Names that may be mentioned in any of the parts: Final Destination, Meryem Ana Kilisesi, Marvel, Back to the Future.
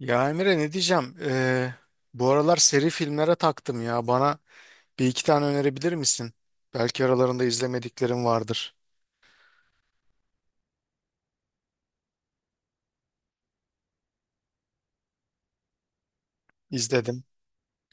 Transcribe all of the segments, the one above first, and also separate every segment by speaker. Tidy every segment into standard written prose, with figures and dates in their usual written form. Speaker 1: Ya Emre ne diyeceğim? Bu aralar seri filmlere taktım ya. Bana bir iki tane önerebilir misin? Belki aralarında izlemediklerim vardır. İzledim. İzledim.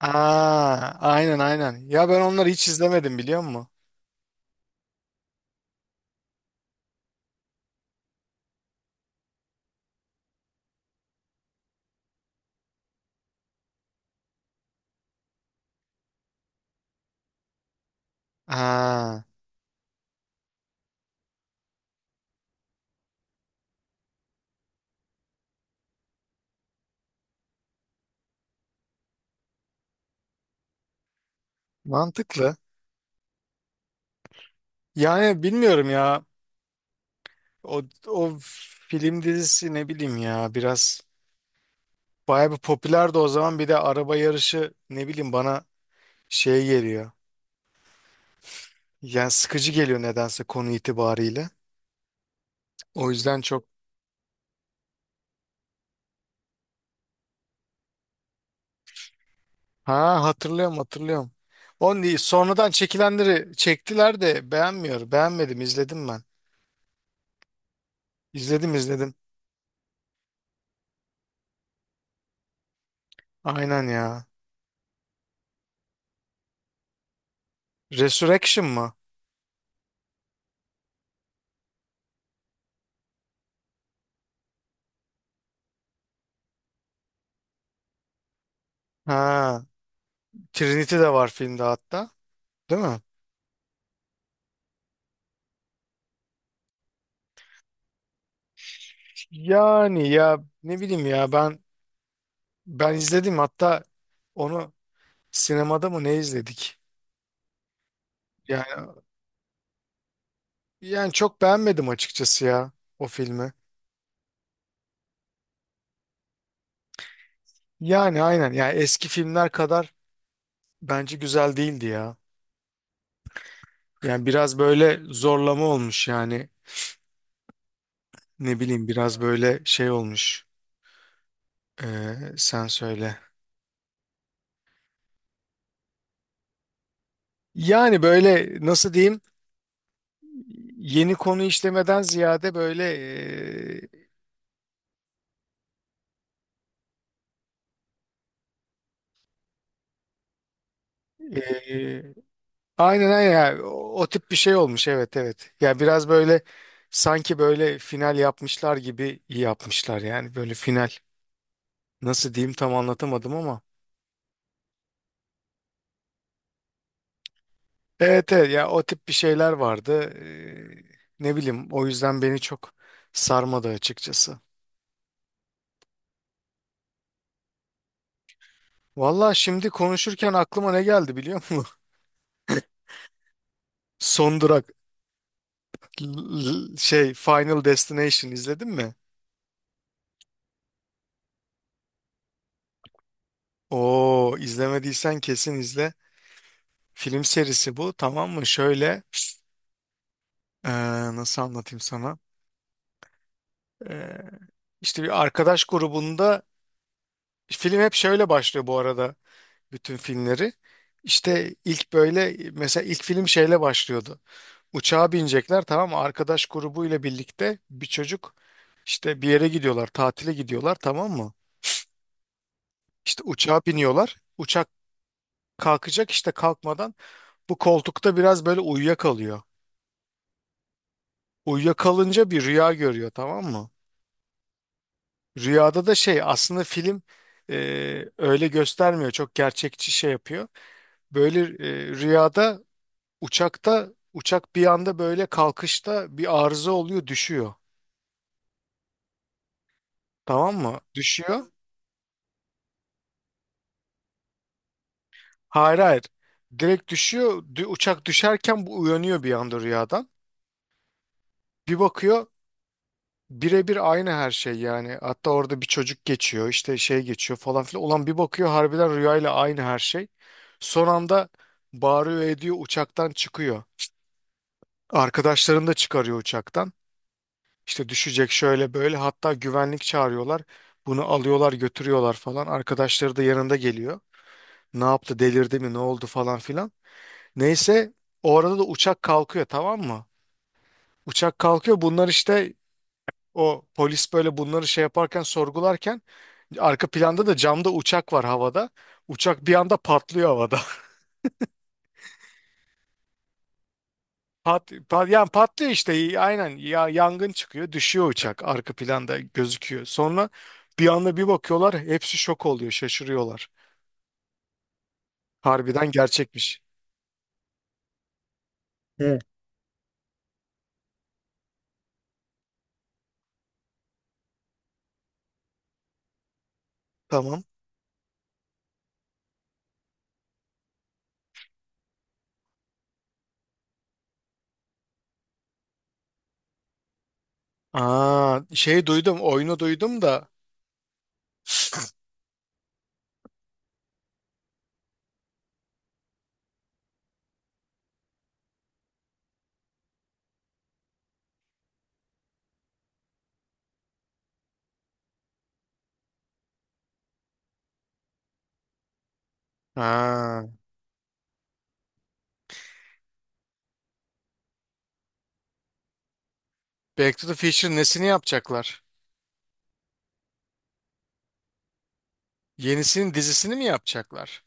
Speaker 1: Aa, aynen aynen. Ya ben onları hiç izlemedim biliyor musun? Aa, mantıklı. Yani bilmiyorum ya. O, o film dizisi ne bileyim ya biraz bayağı bir popülerdi o zaman. Bir de araba yarışı ne bileyim bana şey geliyor. Yani sıkıcı geliyor nedense konu itibariyle. O yüzden çok. Ha, hatırlıyorum hatırlıyorum. Onu değil, sonradan çekilenleri çektiler de beğenmiyor. Beğenmedim, izledim ben. İzledim izledim. Aynen ya. Resurrection mı? Ha, Trinity de var filmde hatta. Değil mi? Yani ya ne bileyim ya ben izledim hatta onu, sinemada mı ne izledik? Yani yani çok beğenmedim açıkçası ya o filmi. Yani aynen yani eski filmler kadar bence güzel değildi ya. Yani biraz böyle zorlama olmuş yani, ne bileyim biraz böyle şey olmuş. Sen söyle. Yani böyle nasıl diyeyim yeni konu işlemeden ziyade böyle ee, aynen aynen yani o tip bir şey olmuş, evet evet. Yani biraz böyle sanki böyle final yapmışlar gibi yapmışlar, yani böyle final nasıl diyeyim tam anlatamadım ama. Evet evet ya o tip bir şeyler vardı. Ne bileyim o yüzden beni çok sarmadı açıkçası. Valla şimdi konuşurken aklıma ne geldi biliyor musun? Son Durak şey Final Destination izledin mi? Oo izlemediysen kesin izle. Film serisi bu, tamam mı? Şöyle ee, nasıl anlatayım sana? Ee, işte bir arkadaş grubunda, film hep şöyle başlıyor bu arada, bütün filmleri. İşte ilk böyle mesela ilk film şeyle başlıyordu. Uçağa binecekler tamam mı? Arkadaş grubuyla birlikte bir çocuk, işte bir yere gidiyorlar, tatile gidiyorlar tamam mı? İşte uçağa biniyorlar. Uçak kalkacak, işte kalkmadan bu koltukta biraz böyle uyuyakalıyor. Uyuyakalınca bir rüya görüyor tamam mı? Rüyada da şey, aslında film e, öyle göstermiyor. Çok gerçekçi şey yapıyor. Böyle rüyada, uçakta uçak bir anda böyle kalkışta bir arıza oluyor, düşüyor. Tamam mı? Düşüyor. Hayır hayır. Direkt düşüyor. Uçak düşerken bu uyanıyor bir anda rüyadan. Bir bakıyor, birebir aynı her şey yani. Hatta orada bir çocuk geçiyor, işte şey geçiyor falan filan. Ulan bir bakıyor harbiden rüyayla aynı her şey. Son anda bağırıyor ediyor uçaktan çıkıyor. Arkadaşlarını da çıkarıyor uçaktan. İşte düşecek şöyle böyle, hatta güvenlik çağırıyorlar. Bunu alıyorlar götürüyorlar falan. Arkadaşları da yanında geliyor. Ne yaptı, delirdi mi, ne oldu falan filan. Neyse, o arada da uçak kalkıyor tamam mı? Uçak kalkıyor, bunlar işte o polis böyle bunları şey yaparken sorgularken, arka planda da camda uçak var havada. Uçak bir anda patlıyor havada. Yani patlıyor işte, aynen ya, yangın çıkıyor, düşüyor uçak arka planda gözüküyor. Sonra bir anda bir bakıyorlar, hepsi şok oluyor, şaşırıyorlar. Harbiden gerçekmiş. Evet. Tamam. Aa, şey duydum, oyunu duydum da. Ha, Back to the Future nesini yapacaklar? Yenisinin dizisini mi yapacaklar?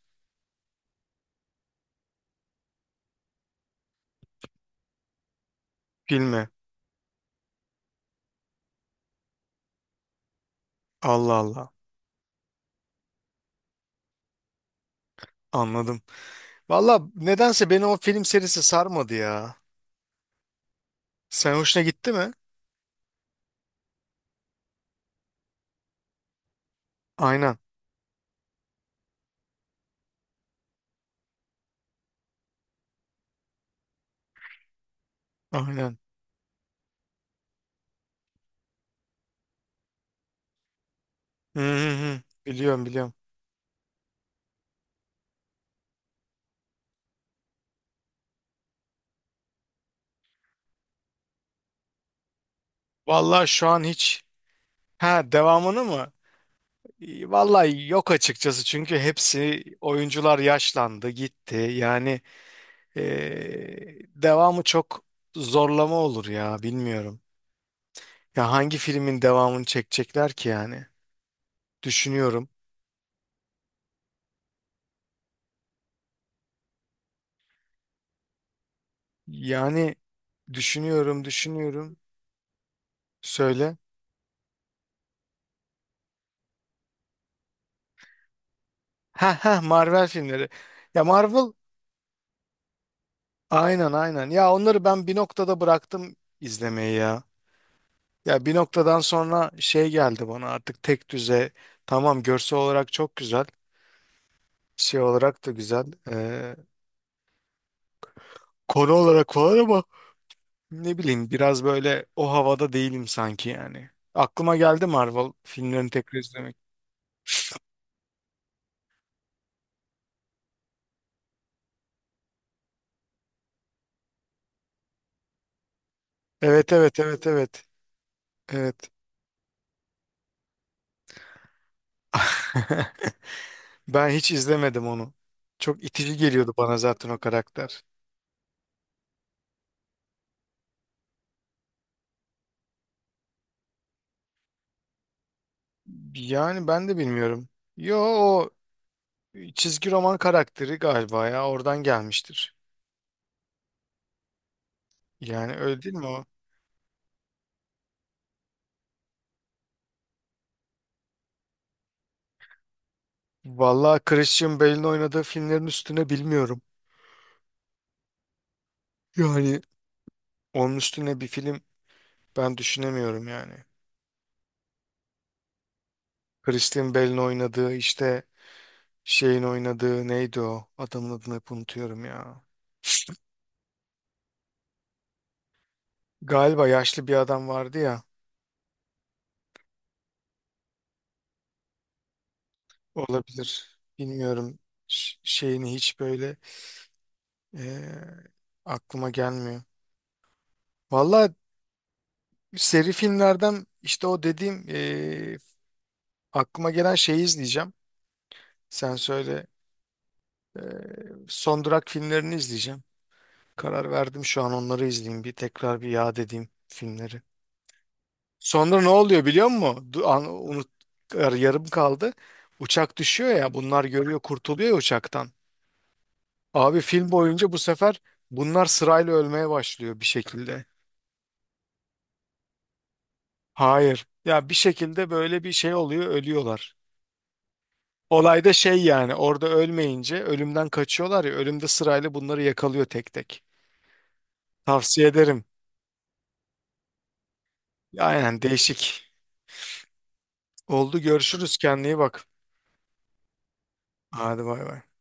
Speaker 1: Filmi. Allah Allah. Anladım. Valla nedense beni o film serisi sarmadı ya. Sen hoşuna gitti mi? Aynen. Aynen. Hı hı hı. Biliyorum biliyorum. Valla şu an hiç. Ha, devamını mı? Valla yok açıkçası, çünkü hepsi oyuncular yaşlandı gitti. Yani devamı çok zorlama olur ya, bilmiyorum. Ya hangi filmin devamını çekecekler ki yani? Düşünüyorum. Yani düşünüyorum, düşünüyorum. Söyle. Ha ha, Marvel filmleri. Ya Marvel, aynen aynen. Ya onları ben bir noktada bıraktım izlemeyi ya. Ya bir noktadan sonra şey geldi bana, artık tek düze. Tamam, görsel olarak çok güzel. Şey olarak da güzel. Konu olarak falan, ama ne bileyim biraz böyle o havada değilim sanki yani. Aklıma geldi Marvel filmlerini tekrar izlemek. Evet evet evet evet. Evet. Ben hiç izlemedim onu. Çok itici geliyordu bana zaten o karakter. Yani ben de bilmiyorum. Yo, o çizgi roman karakteri galiba ya, oradan gelmiştir. Yani öyle değil mi o? Vallahi Christian Bale'in oynadığı filmlerin üstüne bilmiyorum. Yani onun üstüne bir film ben düşünemiyorum yani. Christian Bale'in oynadığı işte, şeyin oynadığı neydi o? Adamın adını hep unutuyorum ya. Galiba yaşlı bir adam vardı ya. Olabilir. Bilmiyorum. Şeyini hiç böyle e, aklıma gelmiyor. Valla seri filmlerden işte o dediğim aklıma gelen şeyi izleyeceğim. Sen söyle. Son Durak filmlerini izleyeceğim. Karar verdim şu an, onları izleyeyim. Bir tekrar bir yad edeyim filmleri. Sonra ne oluyor biliyor musun? Unut, yarım kaldı. Uçak düşüyor ya, bunlar görüyor, kurtuluyor ya uçaktan. Abi film boyunca bu sefer bunlar sırayla ölmeye başlıyor bir şekilde. Hayır. Ya bir şekilde böyle bir şey oluyor, ölüyorlar. Olayda şey yani, orada ölmeyince ölümden kaçıyorlar ya, ölümde sırayla bunları yakalıyor tek tek. Tavsiye ederim. Aynen, değişik. Oldu, görüşürüz, kendine iyi bak. Hadi bay bay.